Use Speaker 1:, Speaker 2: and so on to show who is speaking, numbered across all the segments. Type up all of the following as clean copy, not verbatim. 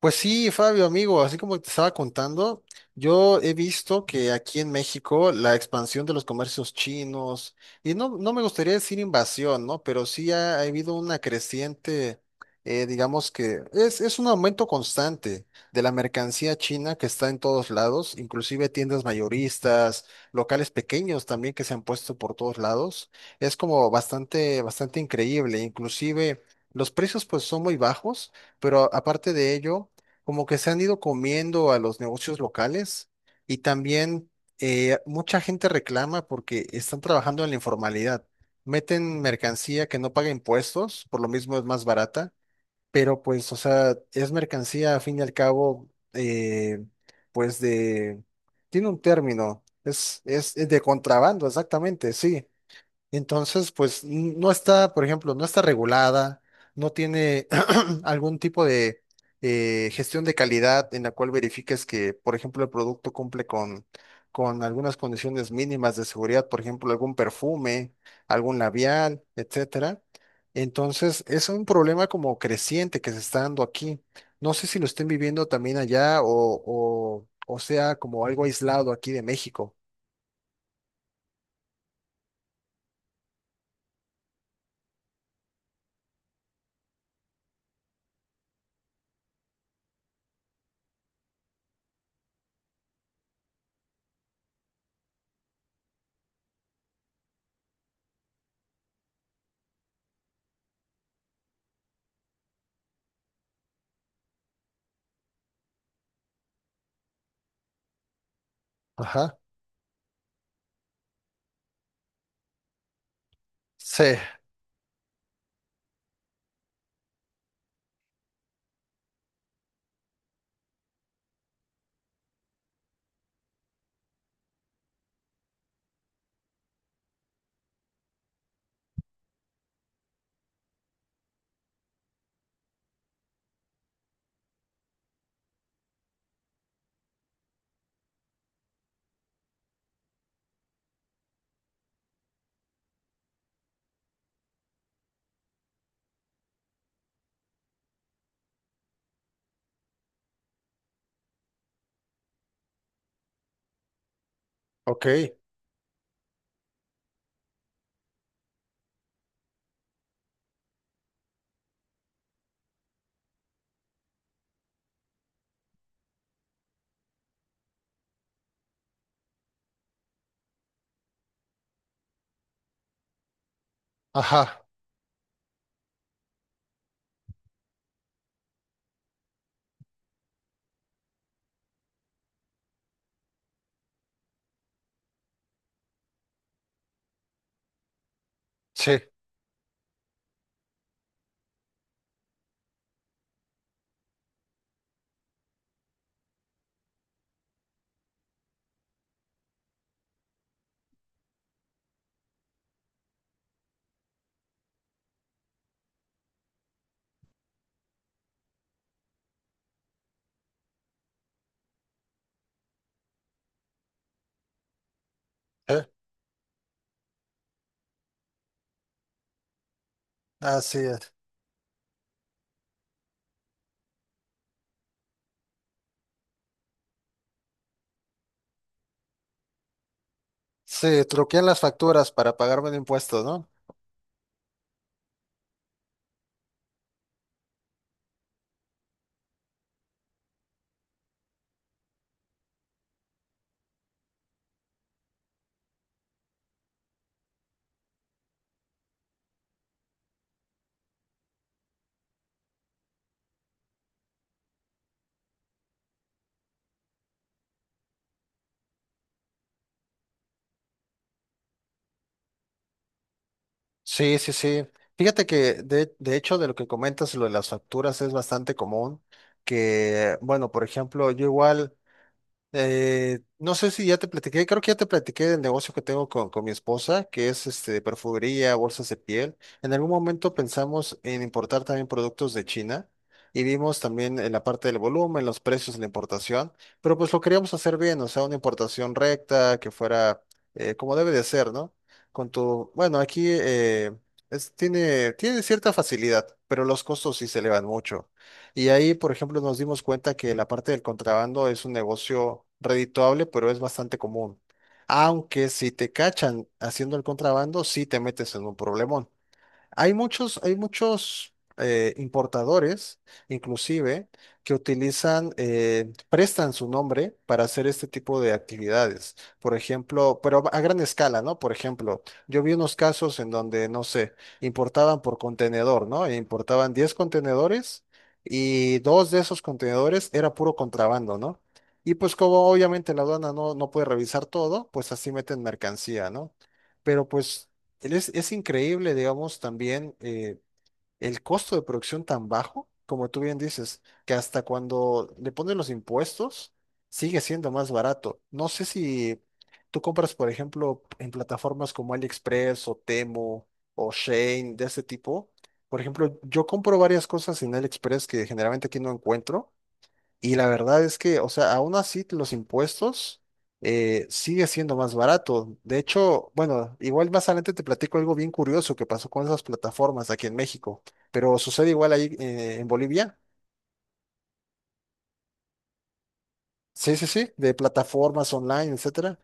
Speaker 1: Pues sí, Fabio, amigo, así como te estaba contando, yo he visto que aquí en México la expansión de los comercios chinos, y no, no me gustaría decir invasión, ¿no? Pero sí ha habido una creciente, digamos que es un aumento constante de la mercancía china que está en todos lados, inclusive tiendas mayoristas, locales pequeños también que se han puesto por todos lados. Es como bastante, bastante increíble, inclusive los precios pues son muy bajos, pero aparte de ello como que se han ido comiendo a los negocios locales y también mucha gente reclama porque están trabajando en la informalidad. Meten mercancía que no paga impuestos, por lo mismo es más barata, pero pues, o sea, es mercancía a fin y al cabo, pues de, tiene un término, es de contrabando, exactamente, sí. Entonces, pues no está, por ejemplo, no está regulada, no tiene algún tipo de gestión de calidad en la cual verifiques que, por ejemplo, el producto cumple con algunas condiciones mínimas de seguridad, por ejemplo, algún perfume, algún labial, etcétera. Entonces, es un problema como creciente que se está dando aquí. No sé si lo estén viviendo también allá o, o sea como algo aislado aquí de México. Ajá. Sí, ok. Ajá. Sí, ¿eh? Así es. Sí, truquean las facturas para pagarme de impuestos, ¿no? Sí, sí, sí. Fíjate que de hecho de lo que comentas, lo de las facturas es bastante común, que, bueno, por ejemplo, yo igual... no sé si ya te platiqué, creo que ya te platiqué del negocio que tengo con mi esposa, que es este, de perfumería, bolsas de piel. En algún momento pensamos en importar también productos de China y vimos también en la parte del volumen, los precios de la importación, pero pues lo queríamos hacer bien, o sea, una importación recta, que fuera como debe de ser, ¿no? Con tu, bueno, aquí tiene cierta facilidad, pero los costos sí se elevan mucho. Y ahí, por ejemplo, nos dimos cuenta que la parte del contrabando es un negocio redituable, pero es bastante común. Aunque si te cachan haciendo el contrabando, sí te metes en un problemón. Hay muchos importadores, inclusive, que utilizan, prestan su nombre para hacer este tipo de actividades. Por ejemplo, pero a gran escala, ¿no? Por ejemplo, yo vi unos casos en donde, no sé, importaban por contenedor, ¿no? E importaban 10 contenedores y dos de esos contenedores era puro contrabando, ¿no? Y pues como obviamente la aduana no, no puede revisar todo, pues así meten mercancía, ¿no? Pero pues... es increíble, digamos, también el costo de producción tan bajo, como tú bien dices, que hasta cuando le ponen los impuestos sigue siendo más barato. No sé si tú compras, por ejemplo, en plataformas como AliExpress o Temu o Shein de ese tipo. Por ejemplo, yo compro varias cosas en AliExpress que generalmente aquí no encuentro y la verdad es que, o sea, aún así los impuestos sigue siendo más barato. De hecho, bueno, igual más adelante te platico algo bien curioso que pasó con esas plataformas aquí en México, pero sucede igual ahí en Bolivia. Sí, sí, sí, de plataformas online, etcétera.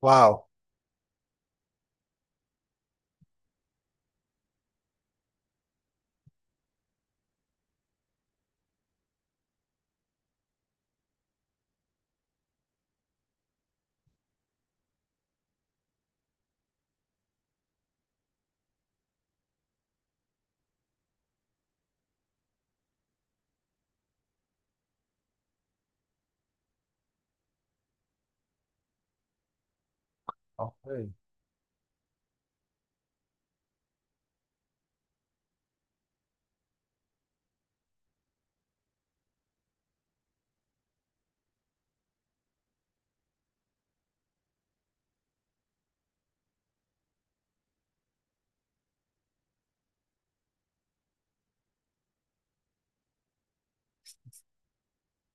Speaker 1: Wow. Ok.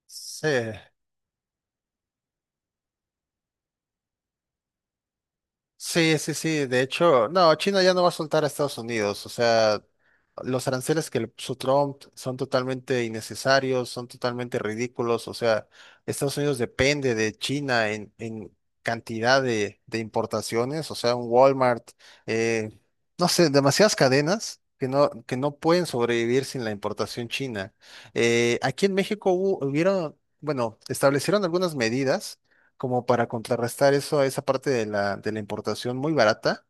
Speaker 1: Sí. Sí, sí, sí. De hecho, no, China ya no va a soltar a Estados Unidos. O sea, los aranceles que le puso Trump son totalmente innecesarios, son totalmente ridículos. O sea, Estados Unidos depende de China en cantidad de importaciones. O sea, un Walmart, eh, no sé, demasiadas cadenas. Que no pueden sobrevivir sin la importación china. Aquí en México bueno, establecieron algunas medidas como para contrarrestar esa parte de la importación muy barata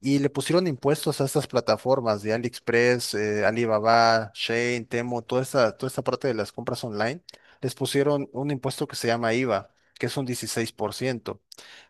Speaker 1: y le pusieron impuestos a estas plataformas de AliExpress, Alibaba, Shein, Temu, toda esta parte de las compras online, les pusieron un impuesto que se llama IVA, que es un 16%.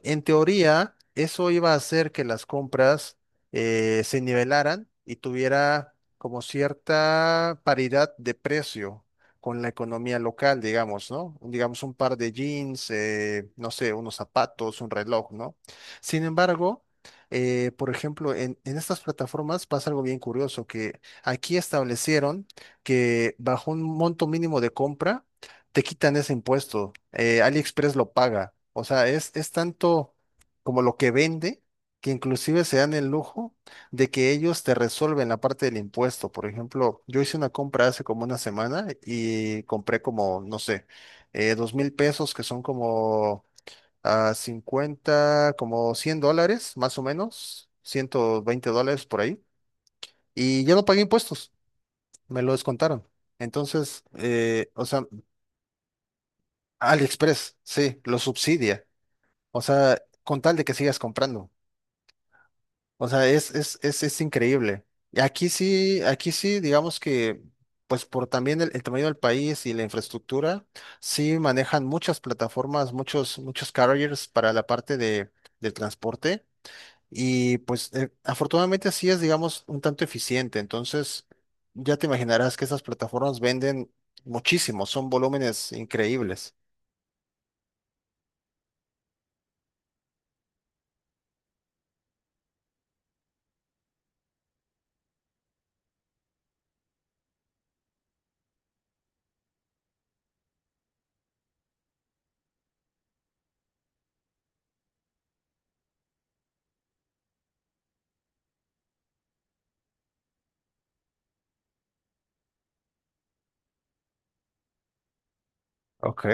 Speaker 1: En teoría, eso iba a hacer que las compras se nivelaran y tuviera como cierta paridad de precio con la economía local, digamos, ¿no? Digamos un par de jeans, no sé, unos zapatos, un reloj, ¿no? Sin embargo, por ejemplo, en estas plataformas pasa algo bien curioso, que aquí establecieron que bajo un monto mínimo de compra te quitan ese impuesto. AliExpress lo paga. O sea, es tanto como lo que vende que inclusive se dan el lujo de que ellos te resuelven la parte del impuesto. Por ejemplo, yo hice una compra hace como una semana y compré como, no sé, 2.000 pesos, que son como a 50 como $100, más o menos, $120 por ahí, y yo no pagué impuestos, me lo descontaron. Entonces, o sea, AliExpress, sí, lo subsidia, o sea, con tal de que sigas comprando, o sea, es increíble. Y aquí sí, digamos que, pues por también el tamaño del país y la infraestructura, sí manejan muchas plataformas, muchos carriers para la parte de, del transporte. Y pues afortunadamente así es, digamos, un tanto eficiente. Entonces, ya te imaginarás que esas plataformas venden muchísimo, son volúmenes increíbles. Ok.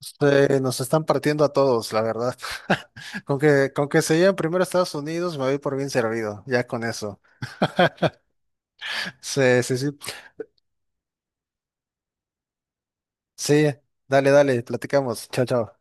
Speaker 1: Nos están partiendo a todos, la verdad. Con que se lleven primero a Estados Unidos, me voy por bien servido, ya con eso. Sí, sí, sí. Sí, dale, dale, platicamos. Chao, chao.